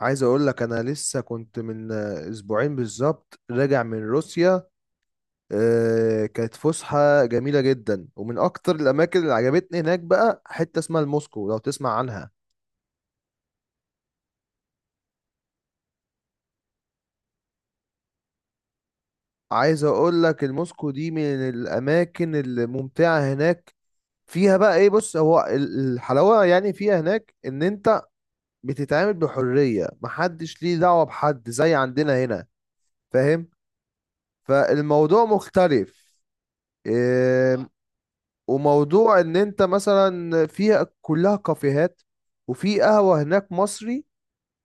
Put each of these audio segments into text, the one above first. عايز اقول لك انا لسه كنت من اسبوعين بالظبط راجع من روسيا. كانت فسحة جميلة جدا، ومن اكتر الاماكن اللي عجبتني هناك بقى حتة اسمها الموسكو، لو تسمع عنها. عايز اقول لك الموسكو دي من الاماكن الممتعة هناك. فيها بقى ايه؟ بص، هو الحلاوة يعني فيها هناك ان انت بتتعامل بحرية، محدش ليه دعوة بحد زي عندنا هنا. فاهم؟ فالموضوع مختلف. إيه، وموضوع ان انت مثلا فيها كلها كافيهات، وفي قهوة هناك مصري،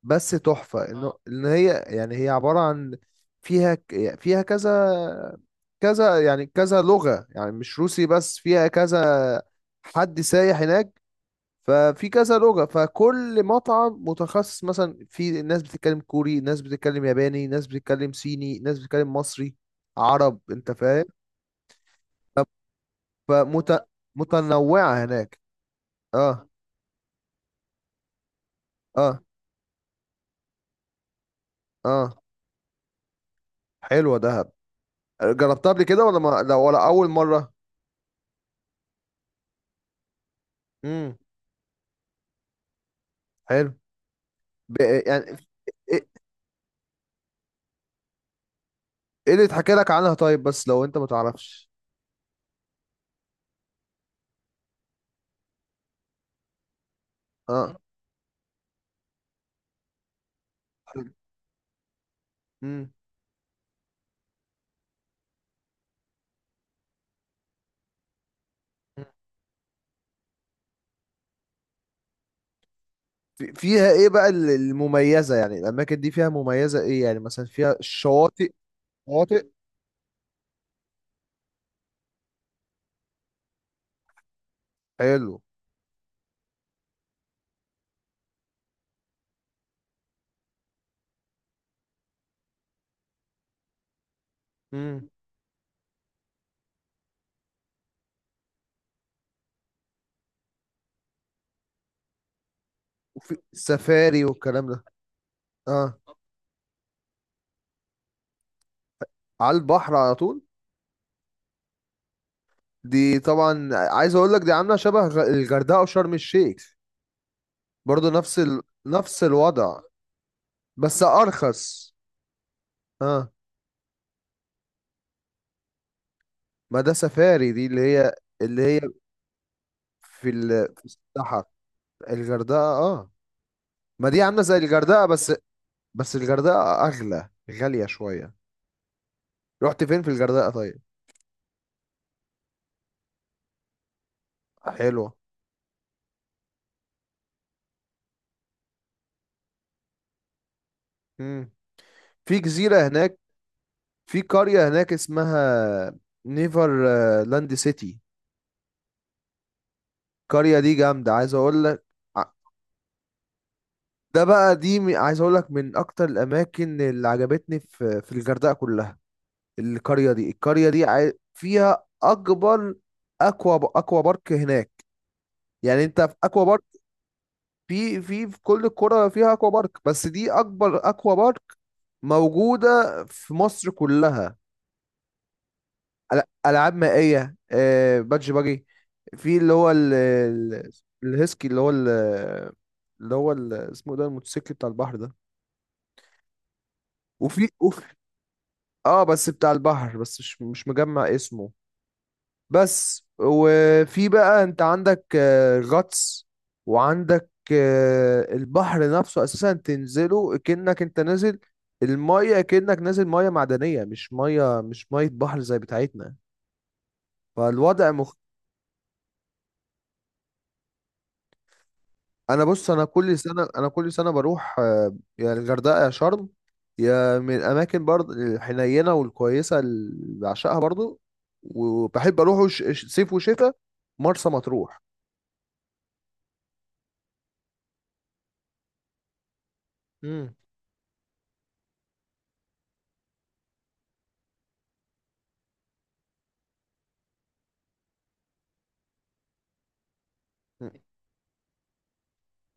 بس تحفة، انه ان هي يعني هي عبارة عن فيها فيها كذا كذا يعني كذا لغة، يعني مش روسي بس، فيها كذا حد سايح هناك. ففي كذا لغة، فكل مطعم متخصص، مثلا في ناس بتتكلم كوري، ناس بتتكلم ياباني، ناس بتتكلم صيني، ناس بتتكلم مصري عرب. انت فاهم؟ اه، فمتنوعة هناك. اه، اه، اه، حلوة دهب. جربتها قبل كده ولا ما لا ولا أول مرة؟ امم. حلو. يعني ايه؟ إيه اللي اتحكى لك عنها طيب، بس لو انت ما تعرفش. اه. حلو. امم. فيها ايه بقى المميزة، يعني الأماكن دي فيها مميزة ايه؟ يعني مثلا فيها الشواطئ؟ شواطئ. حلو. امم. وفي سفاري والكلام ده. اه، على البحر على طول. دي طبعا عايز اقول لك دي عاملة شبه الغردقة وشرم الشيخ، برضو نفس نفس الوضع، بس ارخص. اه، ما ده سفاري، دي اللي هي اللي هي في في الصحراء. الغردقه اه، ما دي عامله زي الغردقه، بس بس الغردقه اغلى، غاليه شويه. رحت فين في الغردقه طيب؟ حلوه. امم. في جزيره هناك. في قريه هناك اسمها نيفر لاند سيتي. القريه دي جامده عايز اقول لك. ع- ده بقى دي عايز اقول لك من اكتر الاماكن اللي عجبتني في في الغردقه كلها. القرية دي القرية دي فيها أكبر أكوا أكوا بارك هناك. يعني أنت في أكوا بارك، في في في كل القرى فيها أكوا بارك، بس دي أكبر أكوا بارك موجودة في مصر كلها. ألعاب مائية، بادج باجي، في اللي هو الهيسكي، اللي هو اللي هو اسمه ده، الموتوسيكل بتاع البحر ده. وفي أوف. اه، بس بتاع البحر بس، مش مش مجمع اسمه. بس وفي بقى انت عندك غطس، وعندك البحر نفسه اساسا تنزله كأنك انت نازل المية، كأنك نازل مية معدنية مش مية، مش مية بحر زي بتاعتنا. فالوضع انا بص انا كل سنة، انا كل سنة بروح يا الغردقة يا شرم، يا من الاماكن برضه الحنينة والكويسة اللي بعشقها برضه. وبحب اروح صيف وشتاء، مرسى مطروح. مم.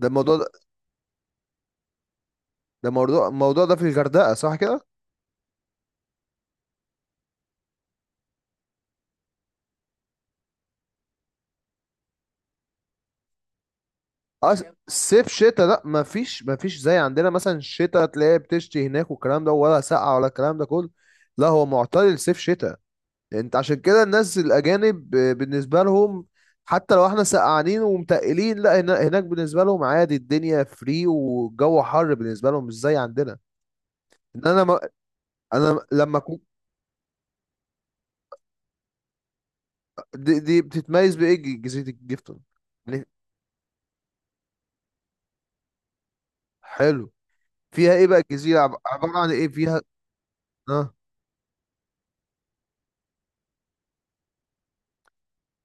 ده الموضوع ده، ده موضوع، الموضوع ده في الغردقة صح كده؟ اه، صيف شتاء لا مفيش، مفيش زي عندنا مثلا الشتاء تلاقي بتشتي هناك والكلام ده، ولا سقعة ولا الكلام ده كله. لا هو معتدل صيف شتاء. انت عشان كده الناس الأجانب بالنسبة لهم، حتى لو احنا سقعانين ومتقلين، لا هناك بالنسبة لهم عادي، الدنيا فري والجو حر بالنسبة لهم، مش زي عندنا. ان انا ما، انا لما كنت. دي، دي بتتميز بايه جزيرة الجيفتون؟ يعني. حلو. فيها ايه بقى الجزيرة، عبارة عن ايه فيها؟ اه،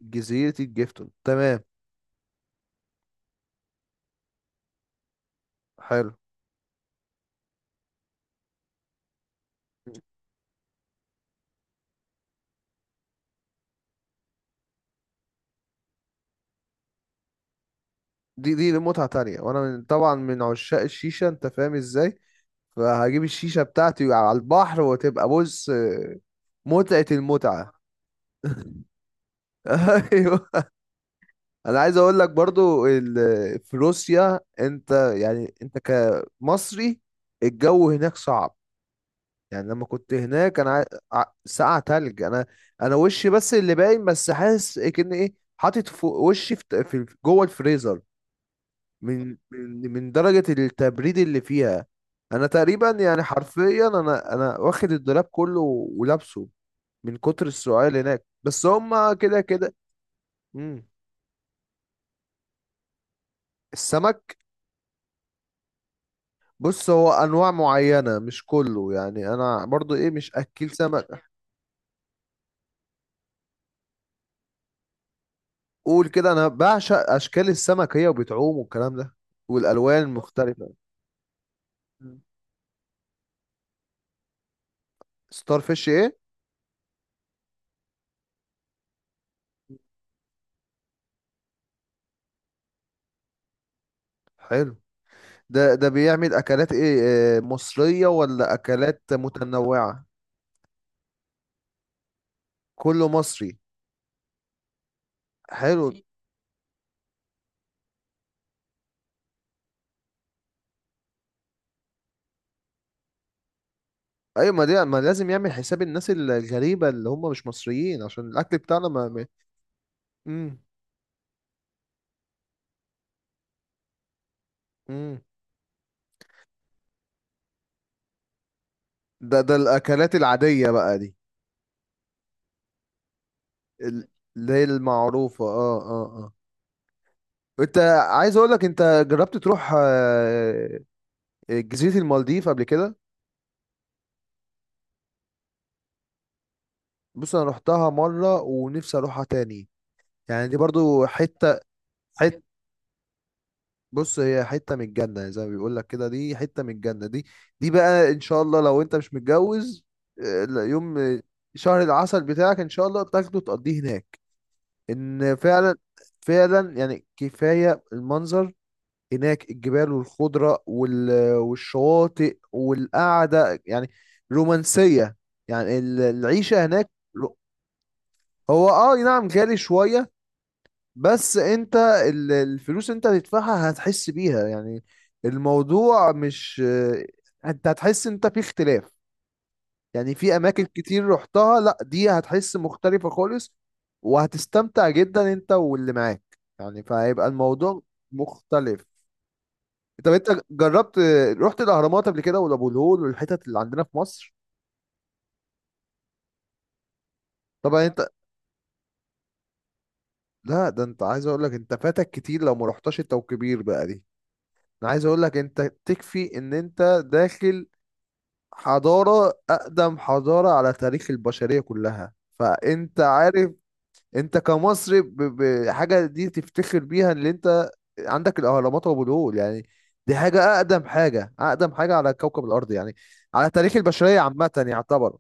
جزيرة الجيفتون. تمام. حلو. دي دي متعة تانية، وانا من طبعا من عشاق الشيشة، انت فاهم ازاي. فهجيب الشيشة بتاعتي على البحر، وتبقى بص، متعة المتعة. ايوه. انا عايز اقول لك برضو في روسيا انت، يعني انت كمصري، الجو هناك صعب. يعني لما كنت هناك انا، ساقعة تلج. انا انا وشي بس اللي باين، بس حاسس كأن ايه حاطط فوق وشي في جوه الفريزر، من من من درجة التبريد اللي فيها. انا تقريبا يعني حرفيا انا انا واخد الدولاب كله ولابسه، من كتر السؤال هناك، بس هما كده كده. مم. السمك؟ بص، هو انواع معينة مش كله، يعني انا برضو ايه مش اكيل سمك. قول كده، انا بعشق اشكال السمك هي وبتعوم والكلام ده، والالوان المختلفة. مم. ستار فيش ايه؟ حلو. ده ده بيعمل اكلات ايه؟ مصرية ولا اكلات متنوعة؟ كله مصري. حلو. ايوه، ما دي ما لازم يعمل حساب الناس الغريبه اللي هم مش مصريين، عشان الاكل بتاعنا ما ما-. امم. امم. ده ده الاكلات العاديه بقى دي؟ ال- اللي هي المعروفه، اه اه اه. انت عايز اقول لك انت جربت تروح جزيره المالديف قبل كده؟ بص انا رحتها مره ونفسي اروحها تاني. يعني دي برضو حته، حته، بص هي حتة من الجنة، زي ما بيقول لك كده، دي حتة من الجنة دي. دي بقى ان شاء الله لو انت مش متجوز، لا، يوم شهر العسل بتاعك ان شاء الله تاخده تقضيه هناك. ان فعلا، فعلا يعني كفاية المنظر هناك، الجبال والخضرة والشواطئ والقعدة، يعني رومانسية. يعني العيشة هناك رو- هو اه نعم غالي شوية، بس انت الفلوس انت هتدفعها هتحس بيها يعني، الموضوع مش انت هتحس انت في اختلاف. يعني في اماكن كتير رحتها، لا دي هتحس مختلفة خالص. وهتستمتع جدا انت واللي معاك، يعني فهيبقى الموضوع مختلف. طب انت جربت، رحت الاهرامات قبل كده ولا ابو الهول والحتت اللي عندنا في مصر؟ طبعا انت، لا ده انت عايز اقول لك انت فاتك كتير لو ما رحتش انت وكبير بقى دي. انا عايز اقول لك انت تكفي ان انت داخل حضارة، أقدم حضارة على تاريخ البشرية كلها. فأنت عارف، أنت كمصري بحاجة دي تفتخر بيها، اللي أنت عندك الأهرامات وأبو الهول، يعني دي حاجة أقدم حاجة، أقدم حاجة على كوكب الأرض، يعني على تاريخ البشرية عامة يعتبر.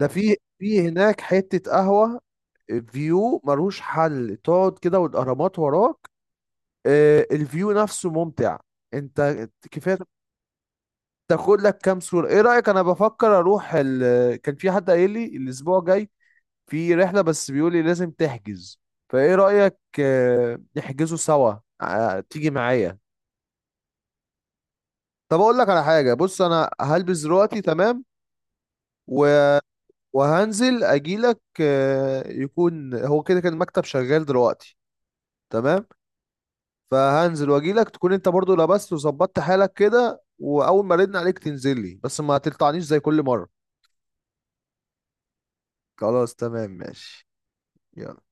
ده في في هناك حتة قهوة فيو ملوش حل، تقعد كده والأهرامات وراك. الفيو نفسه ممتع، أنت كفاية تاخد لك كام صورة. ايه رأيك؟ انا بفكر اروح كان في حد قايل لي الاسبوع جاي في رحلة، بس بيقول لي لازم تحجز. فايه رأيك نحجزه سوا، تيجي معايا؟ طب اقول لك على حاجة، بص انا هلبس دلوقتي تمام، و... وهنزل اجيلك، يكون هو كده كان المكتب شغال دلوقتي. تمام. فهنزل واجيلك، تكون انت برضو لبست وظبطت حالك كده، واول ما ردنا عليك تنزل لي، بس ما تقطعنيش زي كل مرة. خلاص تمام ماشي. يلا.